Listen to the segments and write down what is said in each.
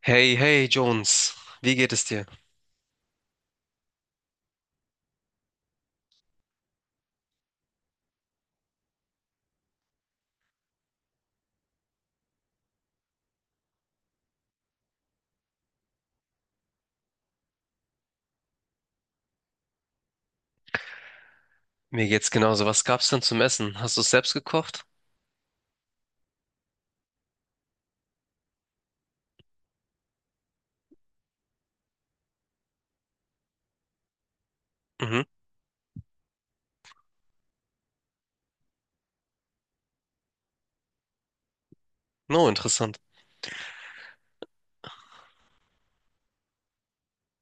Hey, hey, Jones, wie geht es dir? Mir geht's genauso. Was gab's denn zum Essen? Hast du es selbst gekocht? Mhm. No, interessant.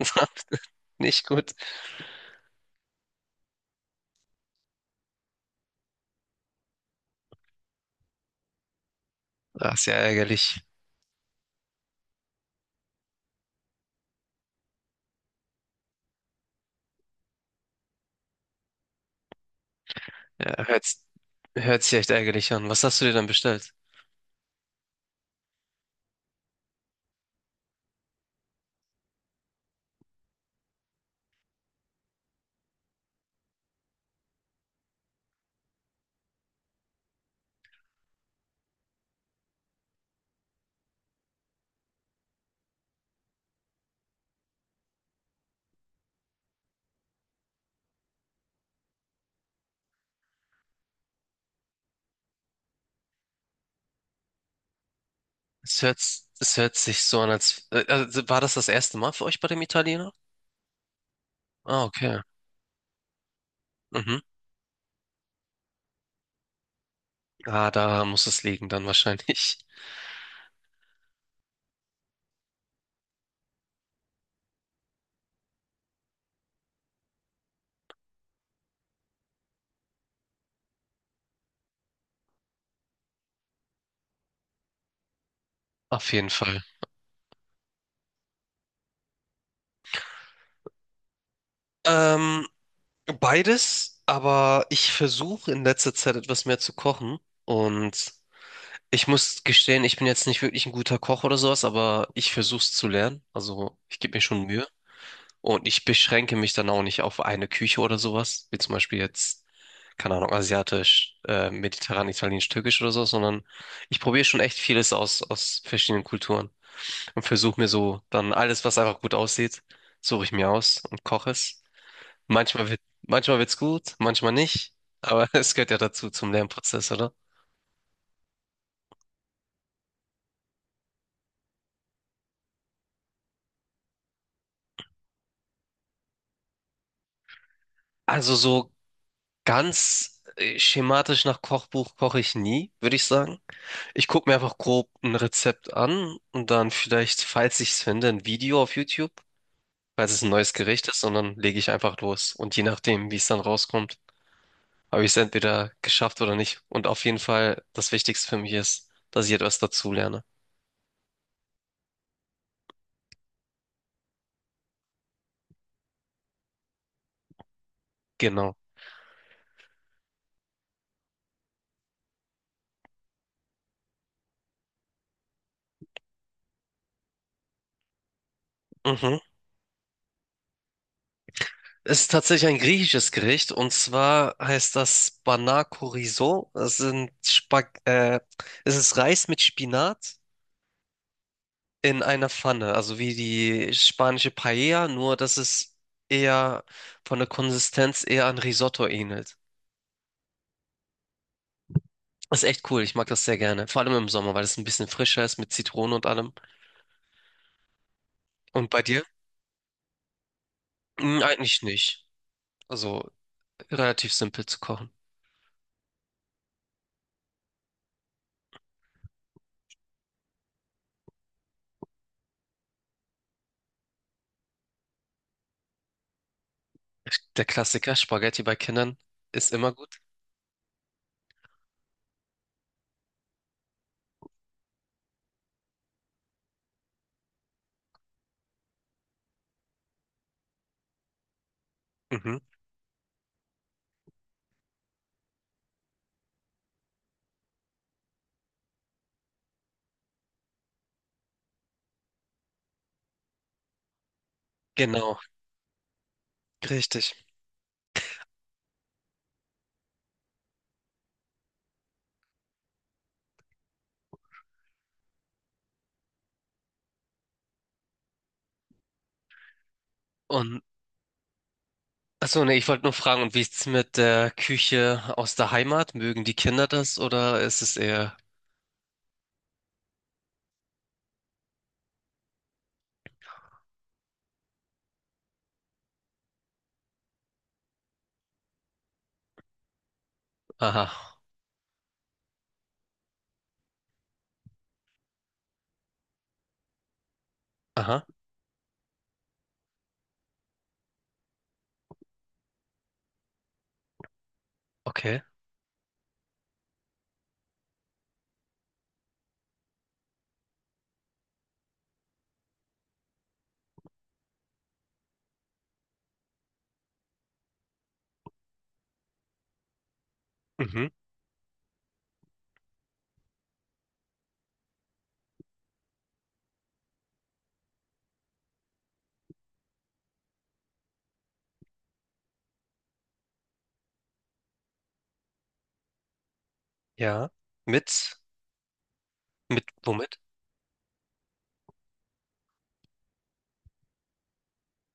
Nicht gut. Das ist ja ärgerlich. Ja, hört's, Hört sich echt ärgerlich an. Was hast du dir dann bestellt? Es hört sich so an, also war das das erste Mal für euch bei dem Italiener? Ah, okay. Mhm. Ah, da muss es liegen dann wahrscheinlich. Auf jeden Fall. Ähm, Beides, aber ich versuche in letzter Zeit etwas mehr zu kochen und ich muss gestehen, ich bin jetzt nicht wirklich ein guter Koch oder sowas, aber ich versuche es zu lernen. Also ich gebe mir schon Mühe. Und ich beschränke mich dann auch nicht auf eine Küche oder sowas, wie zum Beispiel jetzt, keine Ahnung, asiatisch, mediterran, italienisch, türkisch oder so, sondern ich probiere schon echt vieles aus, aus verschiedenen Kulturen, und versuche mir so dann alles, was einfach gut aussieht, suche ich mir aus und koche es. Manchmal wird's gut, manchmal nicht, aber es gehört ja dazu zum Lernprozess, oder? Also so ganz schematisch nach Kochbuch koche ich nie, würde ich sagen. Ich gucke mir einfach grob ein Rezept an und dann vielleicht, falls ich es finde, ein Video auf YouTube, falls es ein neues Gericht ist, und dann lege ich einfach los. Und je nachdem, wie es dann rauskommt, habe ich es entweder geschafft oder nicht. Und auf jeden Fall, das Wichtigste für mich ist, dass ich etwas dazulerne. Genau. Mhm. Es ist tatsächlich ein griechisches Gericht, und zwar heißt das Banakorizo. Das sind Spag Es ist Reis mit Spinat in einer Pfanne, also wie die spanische Paella, nur dass es eher von der Konsistenz eher an Risotto ähnelt. Ist echt cool, ich mag das sehr gerne. Vor allem im Sommer, weil es ein bisschen frischer ist mit Zitrone und allem. Und bei dir? Hm, eigentlich nicht. Also relativ simpel zu kochen. Der Klassiker Spaghetti bei Kindern ist immer gut. Mhm. Genau, richtig. Und achso, nee, ich wollte nur fragen, und wie ist es mit der Küche aus der Heimat? Mögen die Kinder das oder ist es eher. Aha, aha, okay. Mhm, ja. Mit, Womit?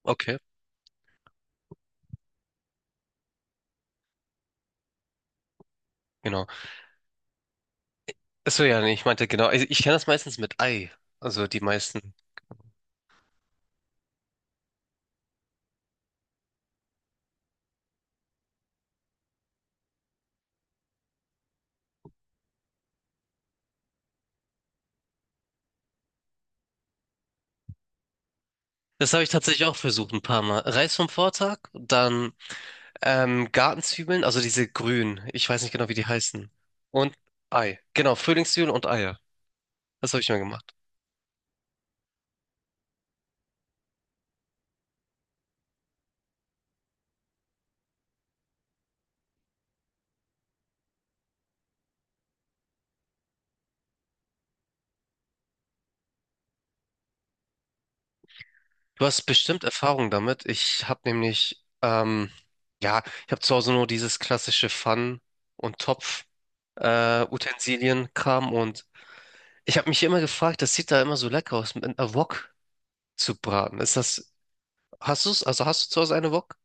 Okay, genau. Achso, ja, nee, ich meinte genau. Ich kenne das meistens mit Ei. Also die meisten. Das habe ich tatsächlich auch versucht, ein paar Mal. Reis vom Vortag, dann ähm, Gartenzwiebeln, also diese grünen. Ich weiß nicht genau, wie die heißen. Und Ei. Genau, Frühlingszwiebeln und Eier. Das habe ich mir gemacht. Du hast bestimmt Erfahrung damit. Ich habe nämlich, ja, ich habe zu Hause nur dieses klassische Pfannen- und Topf, Utensilienkram, und ich habe mich immer gefragt, das sieht da immer so lecker aus, mit einer Wok zu braten. Hast du es? Also hast du zu Hause eine Wok?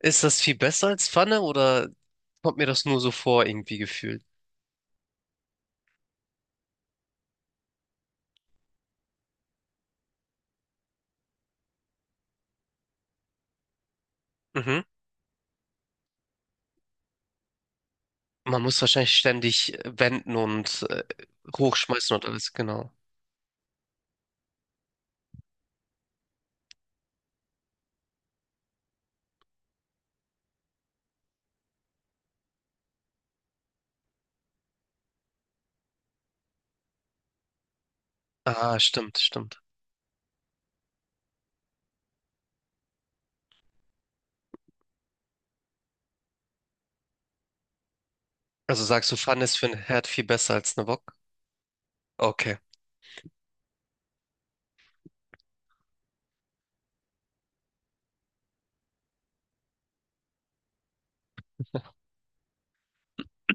Ist das viel besser als Pfanne oder kommt mir das nur so vor irgendwie gefühlt? Mhm. Man muss wahrscheinlich ständig wenden und hochschmeißen und alles, genau. Ah, stimmt, stimmt. Also sagst du, Pfanne ist für einen Herd viel besser als eine Wok? Okay.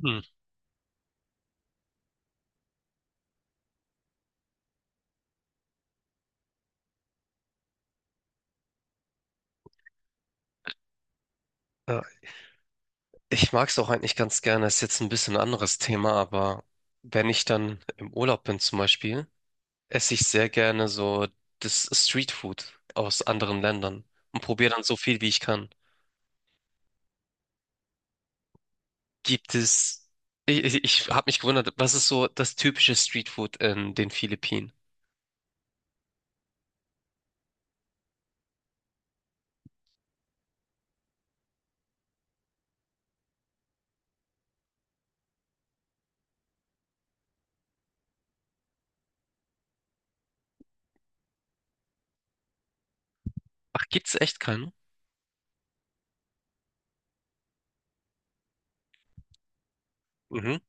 Mhm. Ja, ich mag es auch eigentlich ganz gerne. Ist jetzt ein bisschen anderes Thema, aber wenn ich dann im Urlaub bin zum Beispiel, esse ich sehr gerne so das Streetfood aus anderen Ländern und probiere dann so viel, wie ich kann. Gibt es, Ich habe mich gewundert, was ist so das typische Streetfood in den Philippinen? Ach, gibt's echt keinen? Mhm.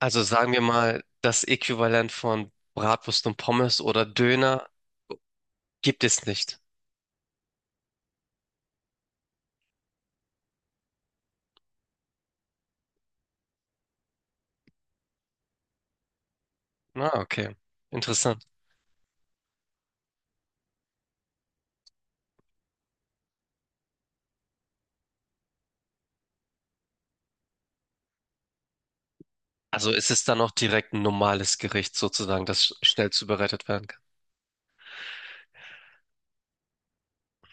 Also sagen wir mal, das Äquivalent von Bratwurst und Pommes oder Döner gibt es nicht. Ah, okay. Interessant. Also ist es dann auch direkt ein normales Gericht sozusagen, das schnell zubereitet werden kann.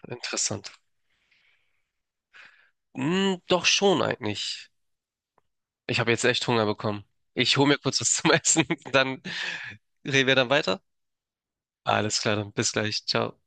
Interessant. Hm, doch schon eigentlich. Ich habe jetzt echt Hunger bekommen. Ich hole mir kurz was zum Essen, dann reden wir dann weiter. Alles klar, dann bis gleich. Ciao.